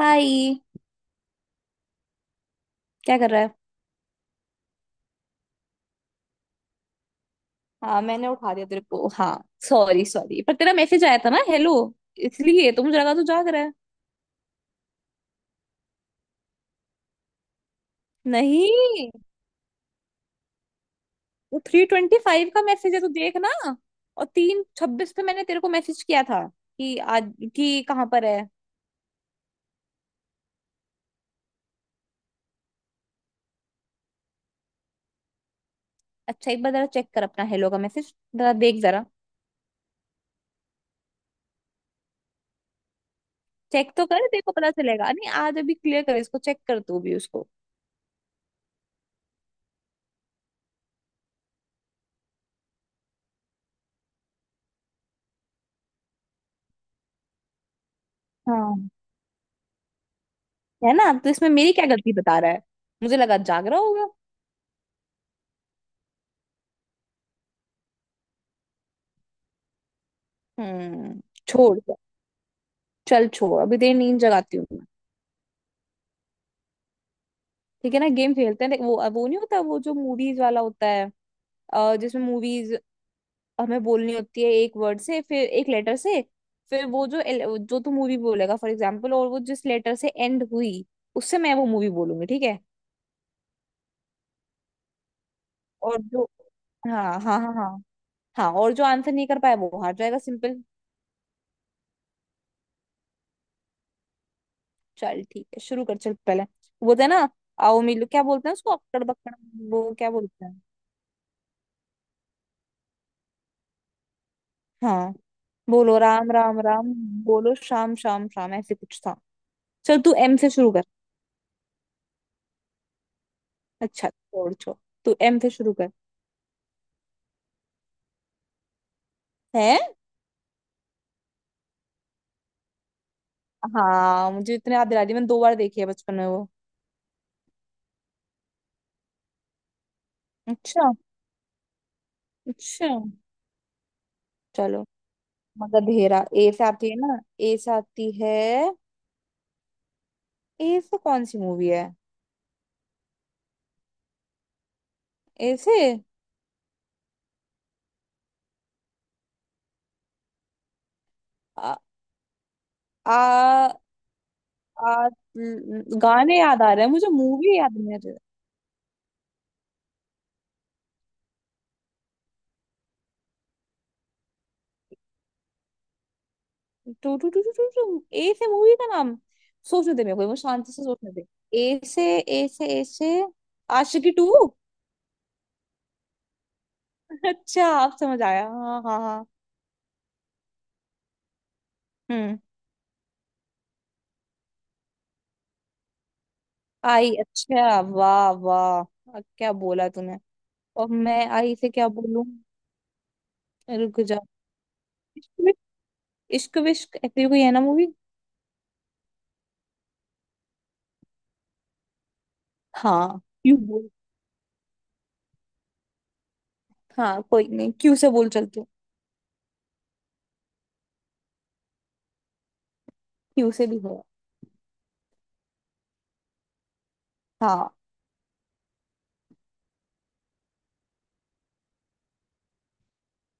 हाय। क्या कर रहा है। हाँ, मैंने उठा दिया तेरे को, हाँ। सॉरी सॉरी, पर तेरा मैसेज आया था ना, हेलो। इसलिए तो मुझे लगा तू जाग रहा है। नहीं। वो 3:25 का मैसेज है, तू देख ना। और 3:26 पे मैंने तेरे को मैसेज किया था कि आज कि कहाँ पर है। अच्छा, एक बार जरा चेक कर अपना हेलो का मैसेज, जरा देख जरा। चेक तो कर, देखो पता चलेगा, नहीं आज अभी क्लियर कर इसको, चेक कर तू भी उसको। हाँ, है ना, तो इसमें मेरी क्या गलती बता रहा है। मुझे लगा जाग रहा होगा। हम्म। छोड़। चल छोड़, अभी तेरी नींद जगाती हूँ मैं। ठीक है ना, गेम खेलते हैं देख, वो नहीं होता, वो जो मूवीज वाला होता है। जिसमें मूवीज हमें बोलनी होती है एक वर्ड से, फिर एक लेटर से। फिर वो जो जो तू मूवी बोलेगा फॉर एग्जाम्पल, और वो जिस लेटर से एंड हुई, उससे मैं वो मूवी बोलूंगी, ठीक है। और जो। हाँ, हाँ, हाँ, हाँ, हाँ। और जो आंसर नहीं कर पाया वो हार जाएगा, सिंपल। चल ठीक है, शुरू कर चल, पहले वो बोलते हैं ना। आओ मिलो, क्या बोलते हैं उसको, अक्कड़ बक्कड़। वो क्या बोलते हैं। हाँ, बोलो राम राम राम। बोलो शाम शाम शाम, ऐसे कुछ था। चल तू M से शुरू कर। अच्छा, छोड़ छोड़। तू M से शुरू कर। है। हाँ, मुझे इतने याद दिला दी, मैंने दो बार देखी है बचपन में वो। अच्छा। अच्छा। चलो। मगध हेरा A से आती है ना। A से आती है। ए से कौन सी मूवी है। A से। आ, आ, आ, गाने याद आ रहे हैं मुझे, मूवी याद नहीं आ रही। Two two two two two to A से मूवी का नाम। सोचने दे मेरे को एक बार, शांति से सोचने दे। ए से, ए से, ए से। आशिकी टू। अच्छा आप, समझ आया, हाँ हाँ हाँ। हम्म। आई, अच्छा, वाह वाह। अब क्या बोला तूने। और मैं I से क्या बोलूं। रुक जा। इश्क विश्क। इश्क विश्क, ऐसी कोई है ना मूवी। हाँ, क्यों बोल। हाँ, कोई नहीं, Q से बोल चलती हूँ। क्यू से भी हो। हाँ।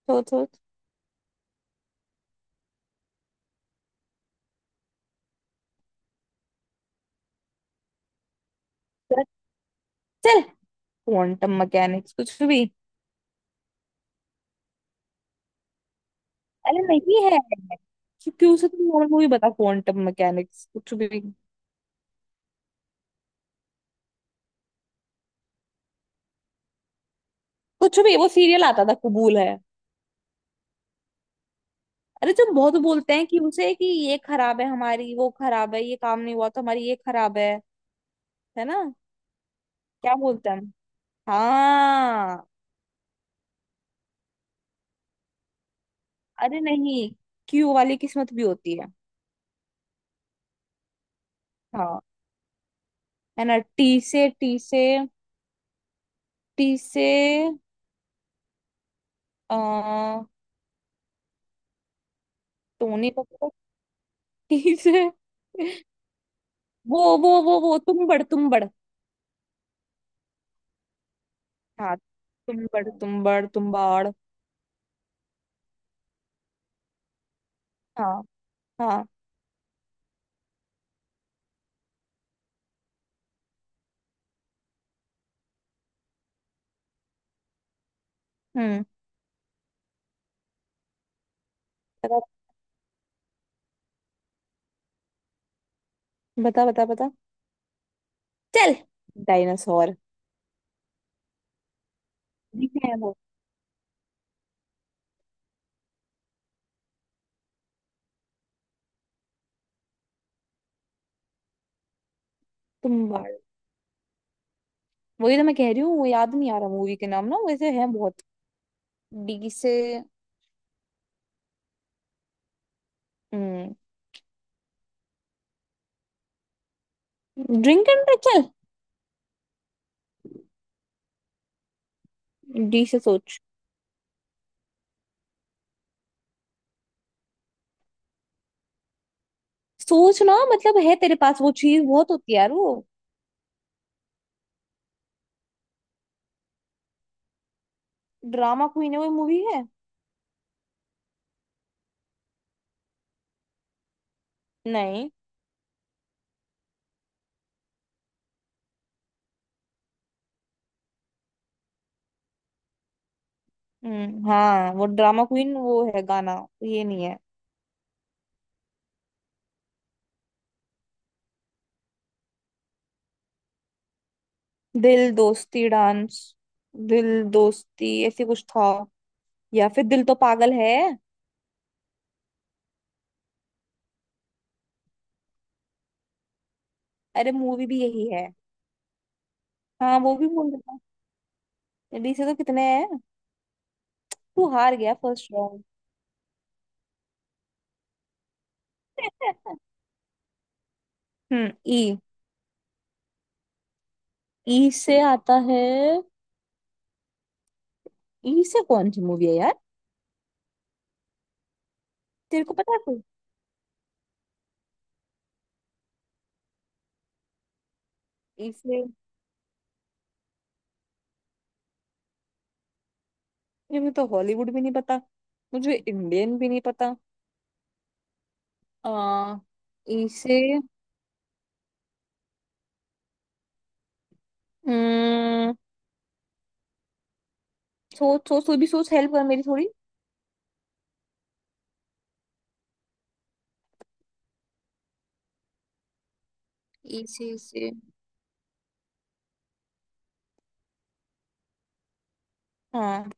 तो। चल। क्वांटम मैकेनिक्स कुछ भी। अरे नहीं है। क्योंकि उसे तुम और मूवी बता, क्वांटम मैकेनिक्स कुछ भी। कुछ भी, वो सीरियल आता था कबूल है। अरे तुम बहुत बोलते हैं कि उसे कि ये खराब है, हमारी वो खराब है, ये काम नहीं हुआ तो हमारी ये खराब है। है ना। क्या बोलते हैं हम? हाँ। अरे नहीं। Q वाली किस्मत भी होती है। हाँ। है ना, T से, T से। टी से। अ टोनी कपूर। T से। वो तुम बड़ तुम बड़। हाँ, तुम बड़ तुम बड़ तुम बाड़। हाँ। हाँ। हम्म। बता बता बता। बता। चल। डायनासोर। दिखा है वो। तुम बाल। वही तो मैं कह रही हूँ, वो याद नहीं आ रहा मूवी के नाम ना, वैसे है बहुत। D से। ड्रिंक एंड चल। D से सोच। सोच ना, मतलब है तेरे पास वो चीज बहुत होती है यार वो। ड्रामा क्वीन है, वो मूवी है। नहीं। हम्म, हाँ, वो ड्रामा क्वीन वो है गाना। ये नहीं है। दिल दोस्ती डांस। दिल दोस्ती ऐसे कुछ था। या फिर दिल तो पागल है। अरे मूवी भी यही है। हाँ, वो भी बोल रहा था। डी से तो कितने हैं। तू हार गया फर्स्ट राउंड। हम्म, E। ई से आता है। ई से कौन सी मूवी है यार। तेरे को पता है कोई। E से। ये मुझे तो हॉलीवुड भी नहीं पता। मुझे इंडियन भी नहीं पता। आ, ई से। हम्म। सोच सोच, तू भी सोच, हेल्प कर मेरी थोड़ी। E से, ई से। हाँ।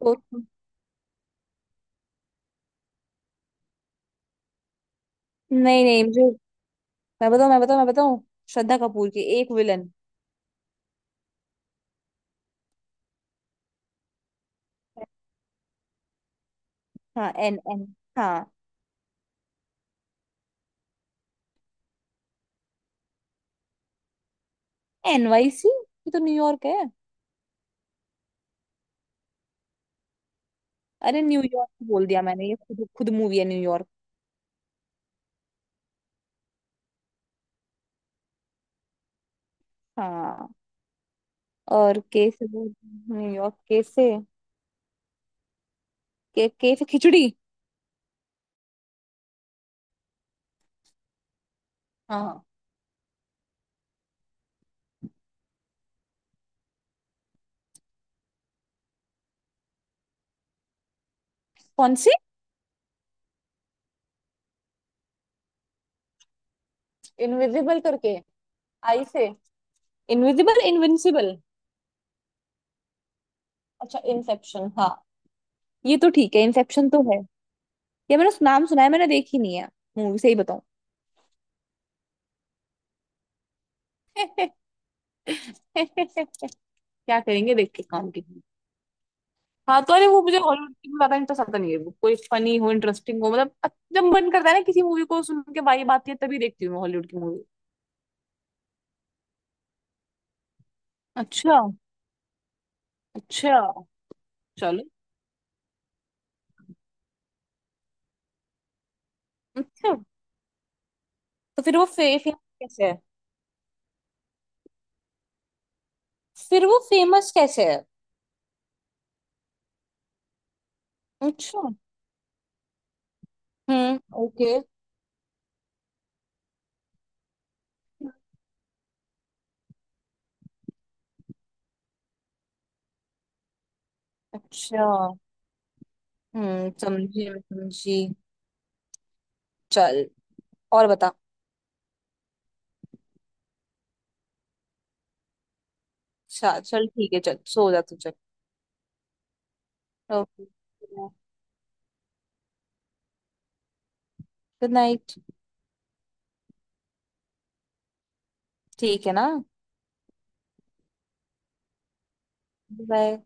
सोच। नहीं नहीं, मुझे। मैं बताऊँ, मैं बताऊँ, मैं बताऊँ। श्रद्धा कपूर की, एक विलन। हाँ, N N। हाँ। NYC, ये तो न्यूयॉर्क है। अरे न्यूयॉर्क बोल दिया मैंने, ये खुद खुद मूवी है, न्यूयॉर्क। हाँ। और K से बोल। न्यूयॉर्क K से। के से खिचड़ी। हाँ। कौन सी। इनविजिबल करके। I से। Invisible, invincible. अच्छा, इंसेप्शन, हाँ। ये तो ठीक है, इंसेप्शन तो है। ये मैंने नाम सुना है, मैंने देखी नहीं है। मूवी सही बताऊं। क्या करेंगे देख के काम की। हाँ, तो अरे वो मुझे हॉलीवुड की ज्यादा इंटरेस्ट आता नहीं है, वो कोई फनी हो, इंटरेस्टिंग हो, मतलब जब मन करता है ना किसी मूवी को सुन के वाइब आती है, तभी देखती हूँ मैं हॉलीवुड की मूवी। अच्छा। अच्छा। चलो। अच्छा, तो फिर वो फेमस कैसे है। फिर वो फेमस कैसे है। अच्छा। हम्म, ओके। अच्छा। हम्म, समझी, मैं समझी। चल। और बता। चल चल, ठीक है, चल सो जा तू, चल। Okay, good night. ठीक है ना। बाय।